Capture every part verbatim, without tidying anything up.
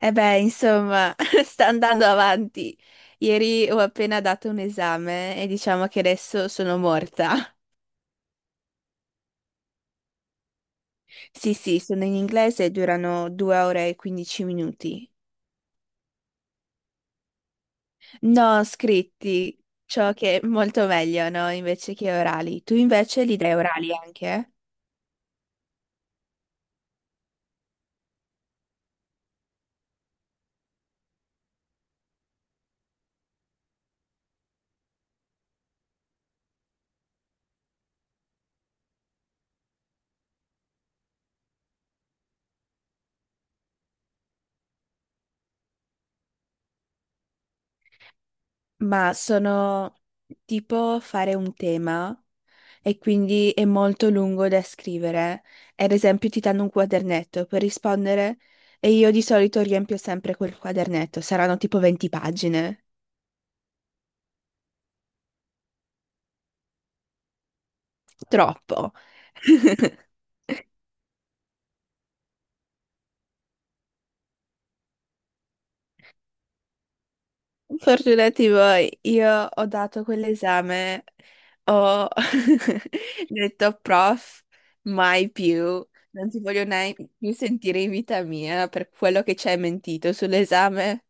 E beh, insomma, sta andando avanti. Ieri ho appena dato un esame e diciamo che adesso sono morta. Sì, sì, sono in inglese e durano due ore e quindici minuti. No, scritti, ciò che è molto meglio, no? Invece che orali. Tu invece li dai orali anche? Ma sono tipo fare un tema e quindi è molto lungo da scrivere. Ad esempio, ti danno un quadernetto per rispondere e io di solito riempio sempre quel quadernetto, saranno tipo venti pagine. Troppo. Fortunati voi, io ho dato quell'esame, ho detto prof, mai più, non ti voglio mai più sentire in vita mia per quello che ci hai mentito sull'esame.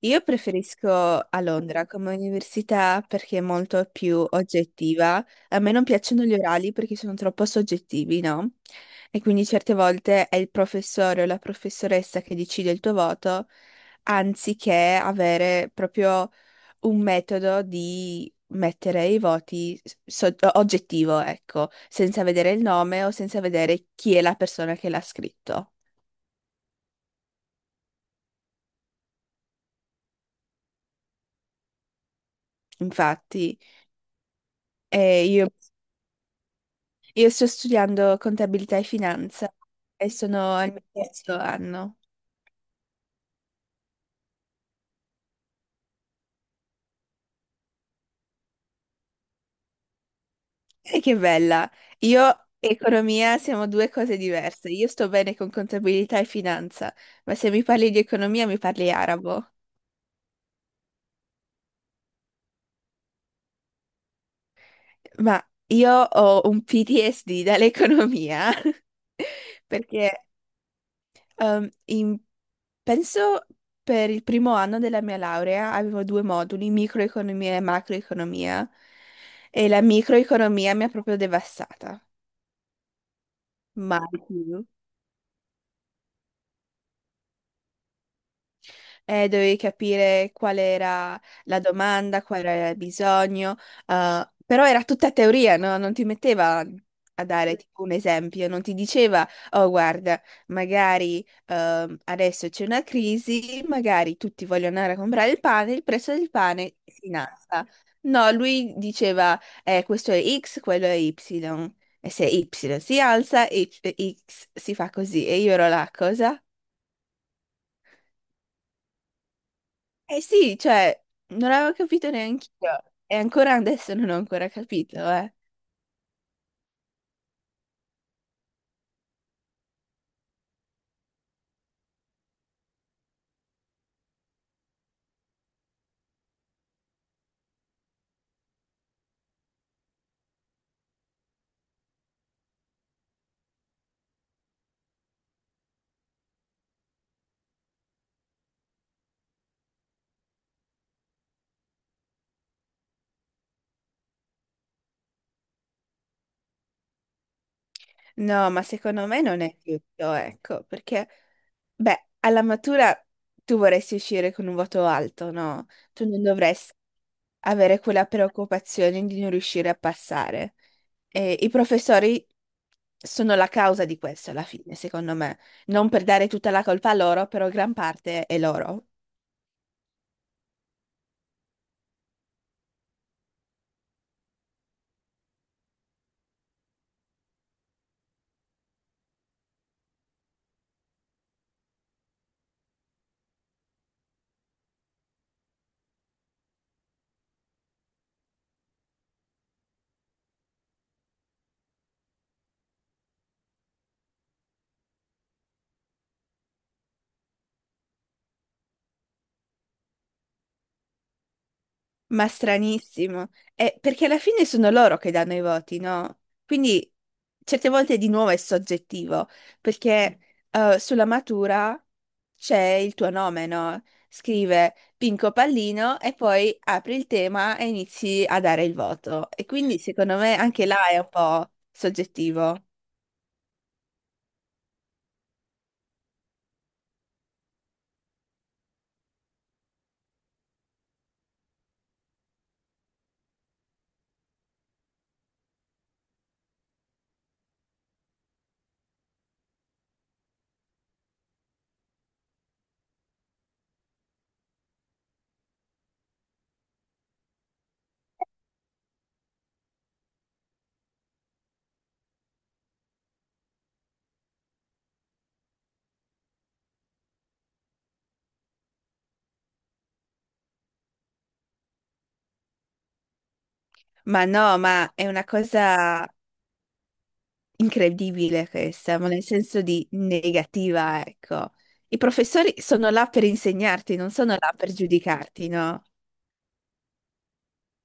Io preferisco a Londra come università perché è molto più oggettiva. A me non piacciono gli orali perché sono troppo soggettivi, no? E quindi certe volte è il professore o la professoressa che decide il tuo voto, anziché avere proprio un metodo di mettere i voti so- oggettivo, ecco, senza vedere il nome o senza vedere chi è la persona che l'ha scritto. Infatti. eh, io Io sto studiando contabilità e finanza e sono al mio terzo anno. E che bella! Io e economia siamo due cose diverse. Io sto bene con contabilità e finanza, ma se mi parli di economia mi parli arabo. Ma io ho un P T S D dall'economia, perché Ehm, in- penso per il primo anno della mia laurea avevo due moduli, microeconomia e macroeconomia, e la microeconomia mi ha proprio devastata. Mai più. Eh, dovevi capire qual era la domanda, qual era il bisogno, eh, però era tutta teoria, no? Non ti metteva a dare tipo, un esempio, non ti diceva, oh guarda, magari ehm, adesso c'è una crisi, magari tutti vogliono andare a comprare il pane, il prezzo del pane si innalza. No, lui diceva, eh, questo è X, quello è Y. E se Y si alza, Y X si fa così. E io ero là, cosa? Eh sì, cioè, non avevo capito neanche io. E ancora adesso non ho ancora capito, eh. No, ma secondo me non è tutto, ecco, perché, beh, alla matura tu vorresti uscire con un voto alto, no? Tu non dovresti avere quella preoccupazione di non riuscire a passare. E i professori sono la causa di questo alla fine, secondo me. Non per dare tutta la colpa a loro, però gran parte è loro. Ma stranissimo. Eh, perché alla fine sono loro che danno i voti, no? Quindi certe volte di nuovo è soggettivo, perché eh, sulla matura c'è il tuo nome, no? Scrive Pinco Pallino e poi apri il tema e inizi a dare il voto. E quindi secondo me anche là è un po' soggettivo. Ma no, ma è una cosa incredibile questa, ma nel senso di negativa, ecco. I professori sono là per insegnarti, non sono là per giudicarti, no?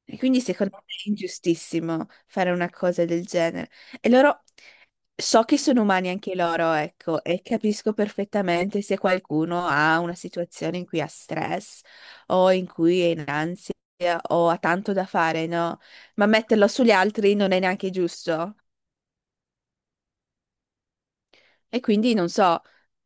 E quindi secondo me è ingiustissimo fare una cosa del genere. E loro, so che sono umani anche loro, ecco, e capisco perfettamente se qualcuno ha una situazione in cui ha stress o in cui è in ansia o ha tanto da fare, no? Ma metterlo sugli altri non è neanche giusto. E quindi non so,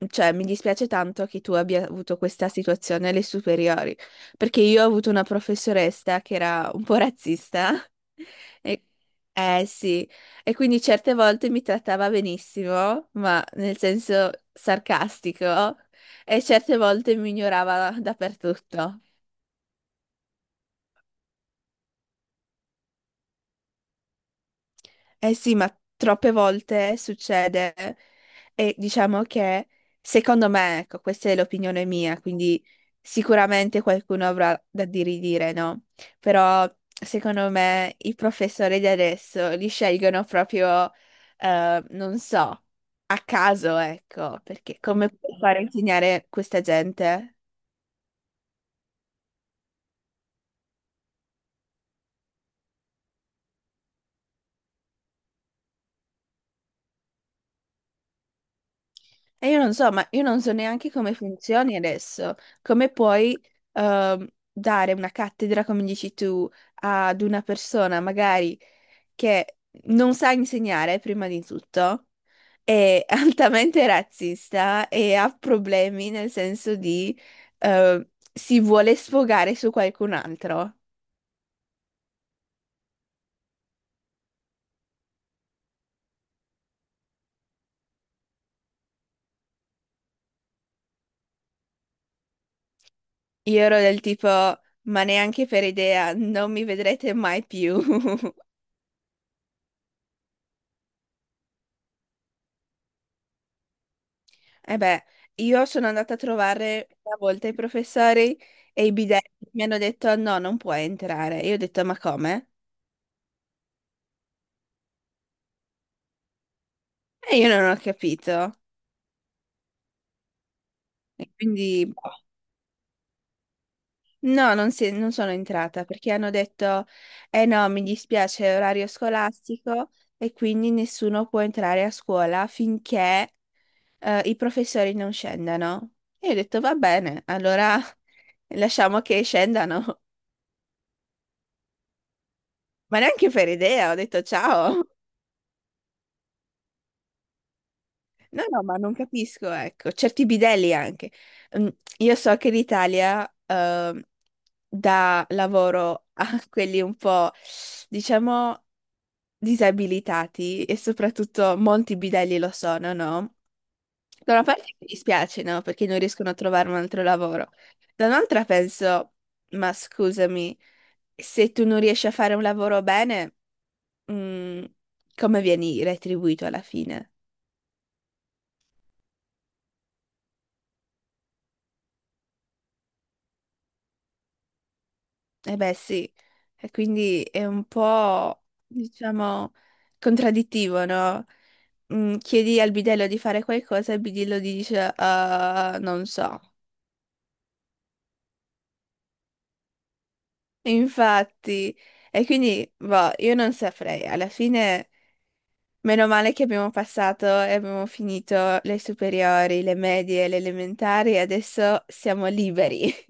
cioè mi dispiace tanto che tu abbia avuto questa situazione alle superiori, perché io ho avuto una professoressa che era un po' razzista. E, eh sì, e quindi certe volte mi trattava benissimo, ma nel senso sarcastico, e certe volte mi ignorava dappertutto. Eh sì, ma troppe volte succede e diciamo che secondo me, ecco, questa è l'opinione mia, quindi sicuramente qualcuno avrà da di ridire, no? Però secondo me i professori di adesso li scelgono proprio, eh, non so, a caso, ecco, perché come puoi fare a insegnare questa gente? E io non so, ma io non so neanche come funzioni adesso, come puoi ehm, dare una cattedra, come dici tu, ad una persona magari che non sa insegnare, prima di tutto, è altamente razzista e ha problemi nel senso di eh, si vuole sfogare su qualcun altro. Io ero del tipo, ma neanche per idea, non mi vedrete mai più. Eh beh, io sono andata a trovare una volta i professori e i bidelli mi hanno detto no, non puoi entrare. E io ho detto ma come? E io non ho capito. E quindi boh, no, non, si- non sono entrata perché hanno detto eh no, mi dispiace, è orario scolastico e quindi nessuno può entrare a scuola finché eh, i professori non scendano. E io ho detto va bene, allora lasciamo che scendano. Ma neanche per idea, ho detto ciao. No, no, ma non capisco, ecco, certi bidelli anche. Mm, Io so che l'Italia ehm, dà lavoro a quelli un po', diciamo, disabilitati e soprattutto molti bidelli lo sono, no? Da una parte mi dispiace, no? Perché non riescono a trovare un altro lavoro. Da un'altra penso, ma scusami, se tu non riesci a fare un lavoro bene, mm, come vieni retribuito alla fine? Eh beh, sì, e quindi è un po', diciamo, contraddittivo, no? Mm, chiedi al bidello di fare qualcosa e il bidello ti dice, "Ah, non so." Infatti, e quindi, boh, io non saprei. Alla fine, meno male che abbiamo passato e abbiamo finito le superiori, le medie, le elementari, e adesso siamo liberi.